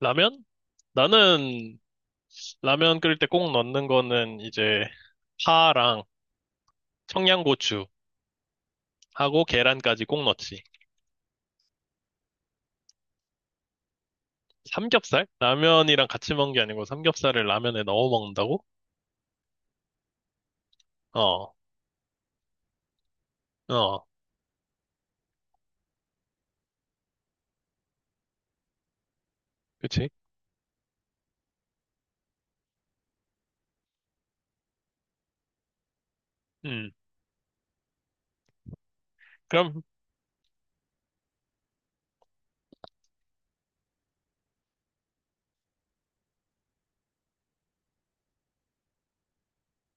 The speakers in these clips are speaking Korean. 라면? 나는 라면 끓일 때 꼭 넣는 거는 이제 파랑 청양고추 하고 계란까지 꼭 넣지. 삼겹살? 라면이랑 같이 먹는 게 아니고 삼겹살을 라면에 넣어 먹는다고? 어, 어, 그치? 음. 그럼,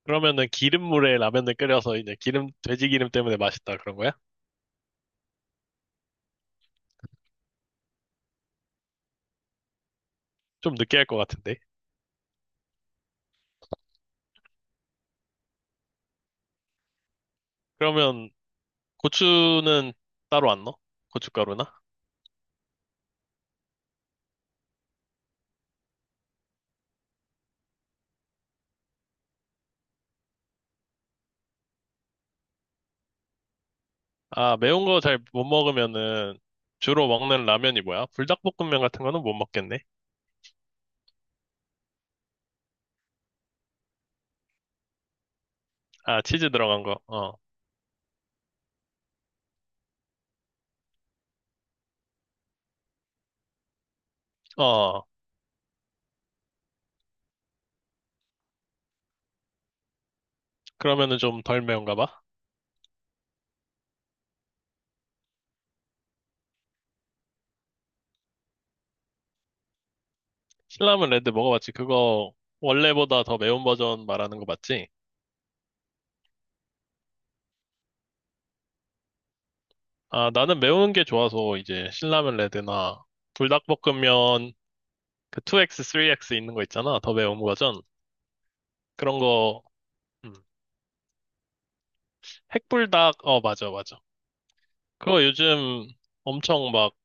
그러면은 기름물에 라면을 끓여서 이제 기름, 돼지 기름 때문에 맛있다 그런 거야? 좀 느끼할 것 같은데. 그러면 고추는 따로 안 넣어? 고춧가루나? 아, 매운 거 잘 못 먹으면은 주로 먹는 라면이 뭐야? 불닭볶음면 같은 거는 못 먹겠네. 아, 치즈 들어간 거. 어. 어. 그러면은 좀 덜 매운가 봐. 신라면 레드 먹어봤지. 그거 원래보다 더 매운 버전 말하는 거 맞지? 아, 나는 매운 게 좋아서 이제 신라면 레드나 불닭볶음면 그 2X, 3X 있는 거 있잖아. 더 매운 버전. 그런 거, 음. 핵불닭, 어, 맞아, 맞아. 그거 요즘 엄청 막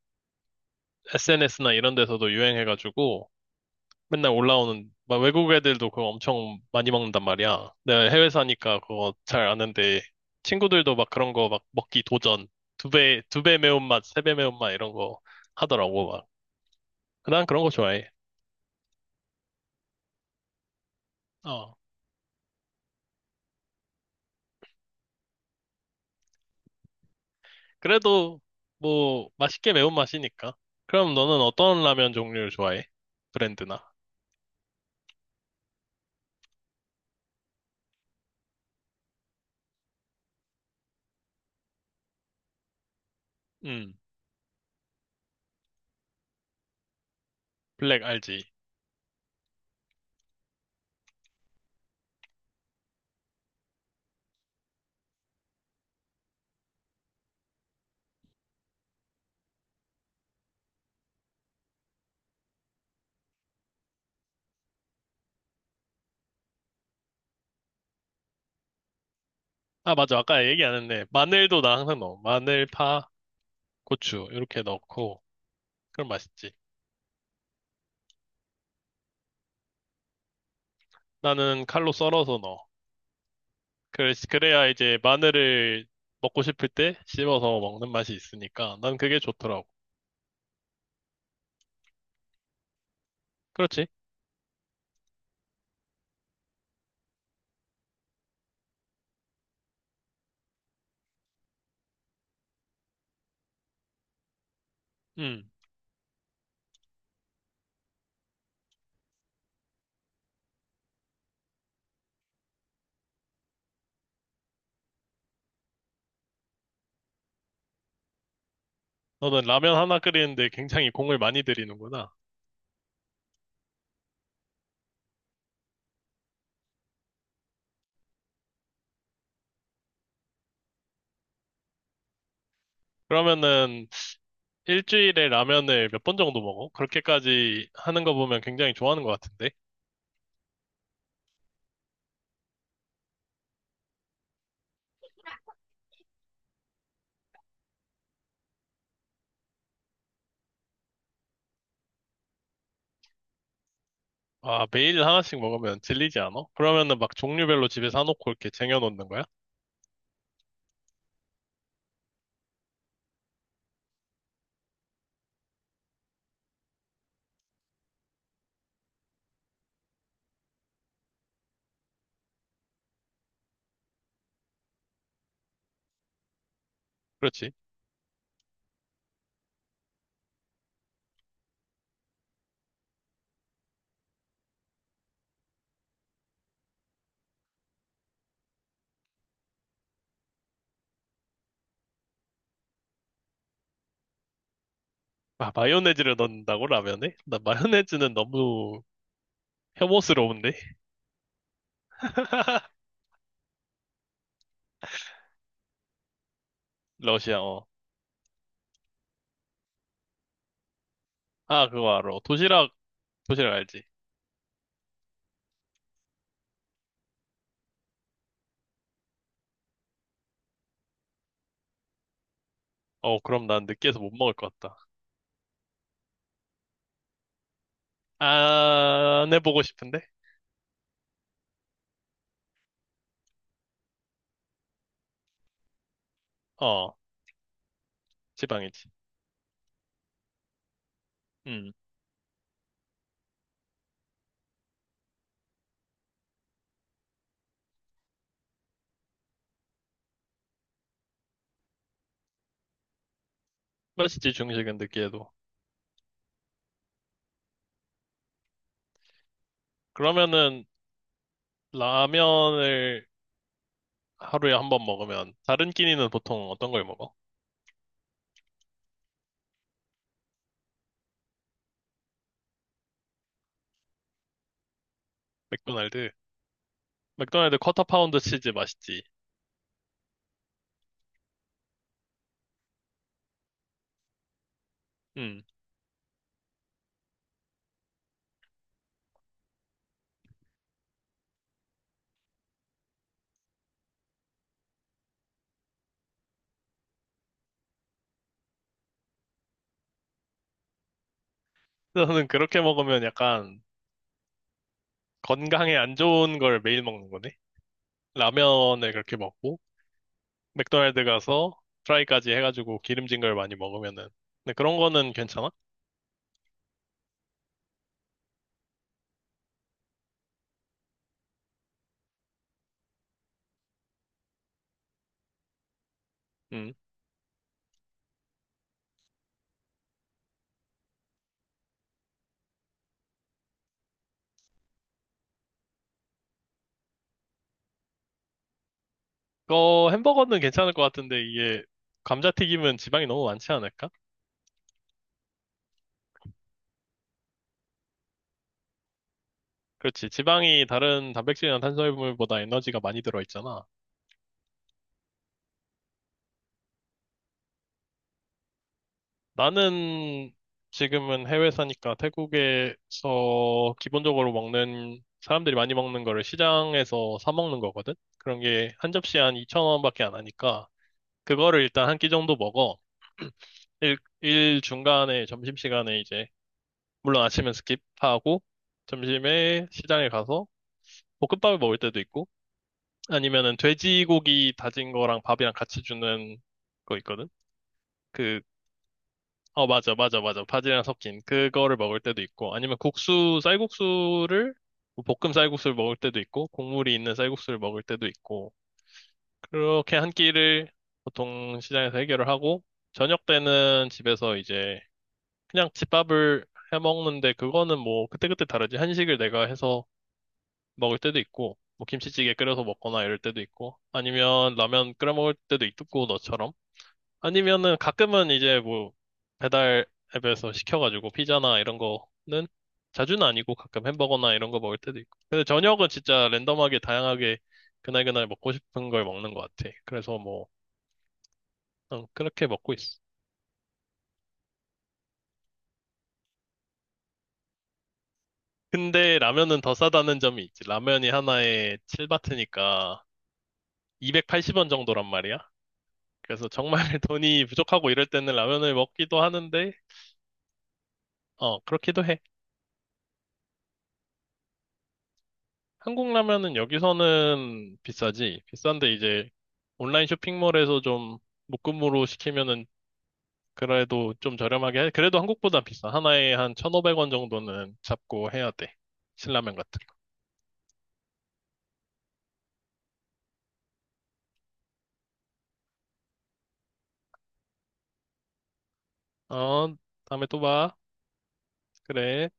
SNS나 이런 데서도 유행해가지고 맨날 올라오는 막 외국 애들도 그거 엄청 많이 먹는단 말이야. 내가 해외 사니까 그거 잘 아는데 친구들도 막 그런 거 막 먹기 도전 두 배, 두 배 매운맛, 세 배 매운맛 이런 거 하더라고 막. 난 그런 거 좋아해. 어. 그래도 뭐 맛있게 매운맛이니까. 그럼 너는 어떤 라면 종류를 좋아해? 브랜드나? 음, 블랙 알지? 아, 맞아. 아까 얘기 안 했네. 마늘도 나 항상 넣어. 마늘, 파, 고추 이렇게 넣고 그럼 맛있지. 나는 칼로 썰어서 넣어. 그래야 이제 마늘을 먹고 싶을 때 씹어서 먹는 맛이 있으니까 난 그게 좋더라고. 그렇지? 음. 너는 라면 하나 끓이는데 굉장히 공을 많이 들이는구나. 그러면은 일주일에 라면을 몇 번 정도 먹어? 그렇게까지 하는 거 보면 굉장히 좋아하는 것 같은데? 아, 매일 하나씩 먹으면 질리지 않아? 그러면은 막 종류별로 집에 사놓고 이렇게 쟁여놓는 거야? 그렇지? 아, 마요네즈를 넣는다고 라면에? 나 마요네즈는 너무 혐오스러운데? 러시아, 어. 아, 그거 알아. 도시락, 도시락 알지? 어, 그럼 난 느끼해서 못 먹을 것 같다. 안 해보고 싶은데? 어, 지방이지. 음, 맛있지, 중식은 느끼해도. 그러면은, 라면을 하루에 한 번 먹으면, 다른 끼니는 보통 어떤 걸 먹어? 맥도날드. 맥도날드 쿼터 파운드 치즈 맛있지. 음. 너는 그렇게 먹으면 약간 건강에 안 좋은 걸 매일 먹는 거네? 라면을 그렇게 먹고 맥도날드 가서 프라이까지 해가지고 기름진 걸 많이 먹으면은 근데 그런 거는 괜찮아? 음. 그 햄버거는 괜찮을 것 같은데 이게 감자튀김은 지방이 너무 많지 않을까? 그렇지. 지방이 다른 단백질이나 탄수화물보다 에너지가 많이 들어있잖아. 나는 지금은 해외 사니까 태국에서 기본적으로 먹는 사람들이 많이 먹는 거를 시장에서 사 먹는 거거든. 그런 게 한 접시에 한2천원밖에 안 하니까 그거를 일단 한 끼 정도 먹어. 일, 일 중간에 점심시간에 이제, 물론 아침은 스킵하고, 점심에 시장에 가서 볶음밥을 먹을 때도 있고, 아니면은 돼지고기 다진 거랑 밥이랑 같이 주는 거 있거든? 그, 어, 맞아, 맞아, 맞아. 바지랑 섞인 그거를 먹을 때도 있고, 아니면 국수, 쌀국수를, 뭐 볶음 쌀국수를 먹을 때도 있고, 국물이 있는 쌀국수를 먹을 때도 있고, 그렇게 한 끼를 보통 시장에서 해결을 하고, 저녁 때는 집에서 이제 그냥 집밥을 해 먹는데 그거는 뭐 그때그때 다르지. 한식을 내가 해서 먹을 때도 있고, 뭐 김치찌개 끓여서 먹거나 이럴 때도 있고, 아니면 라면 끓여 먹을 때도 있고 너처럼. 아니면은 가끔은 이제 뭐 배달 앱에서 시켜가지고 피자나 이런 거는 자주는 아니고 가끔 햄버거나 이런 거 먹을 때도 있고. 근데 저녁은 진짜 랜덤하게 다양하게 그날그날 먹고 싶은 걸 먹는 것 같아. 그래서 뭐 그냥 그렇게 먹고 있어. 근데 라면은 더 싸다는 점이 있지. 라면이 하나에 7바트니까 280원 정도란 말이야. 그래서 정말 돈이 부족하고 이럴 때는 라면을 먹기도 하는데, 어, 그렇기도 해. 한국 라면은 여기서는 비싸지. 비싼데 이제 온라인 쇼핑몰에서 좀 묶음으로 시키면은 그래도 좀 저렴하게 해. 그래도 한국보다 비싸. 하나에 한 1,500원 정도는 잡고 해야 돼. 신라면 같은 거. 어, 다음에 또 봐. 그래.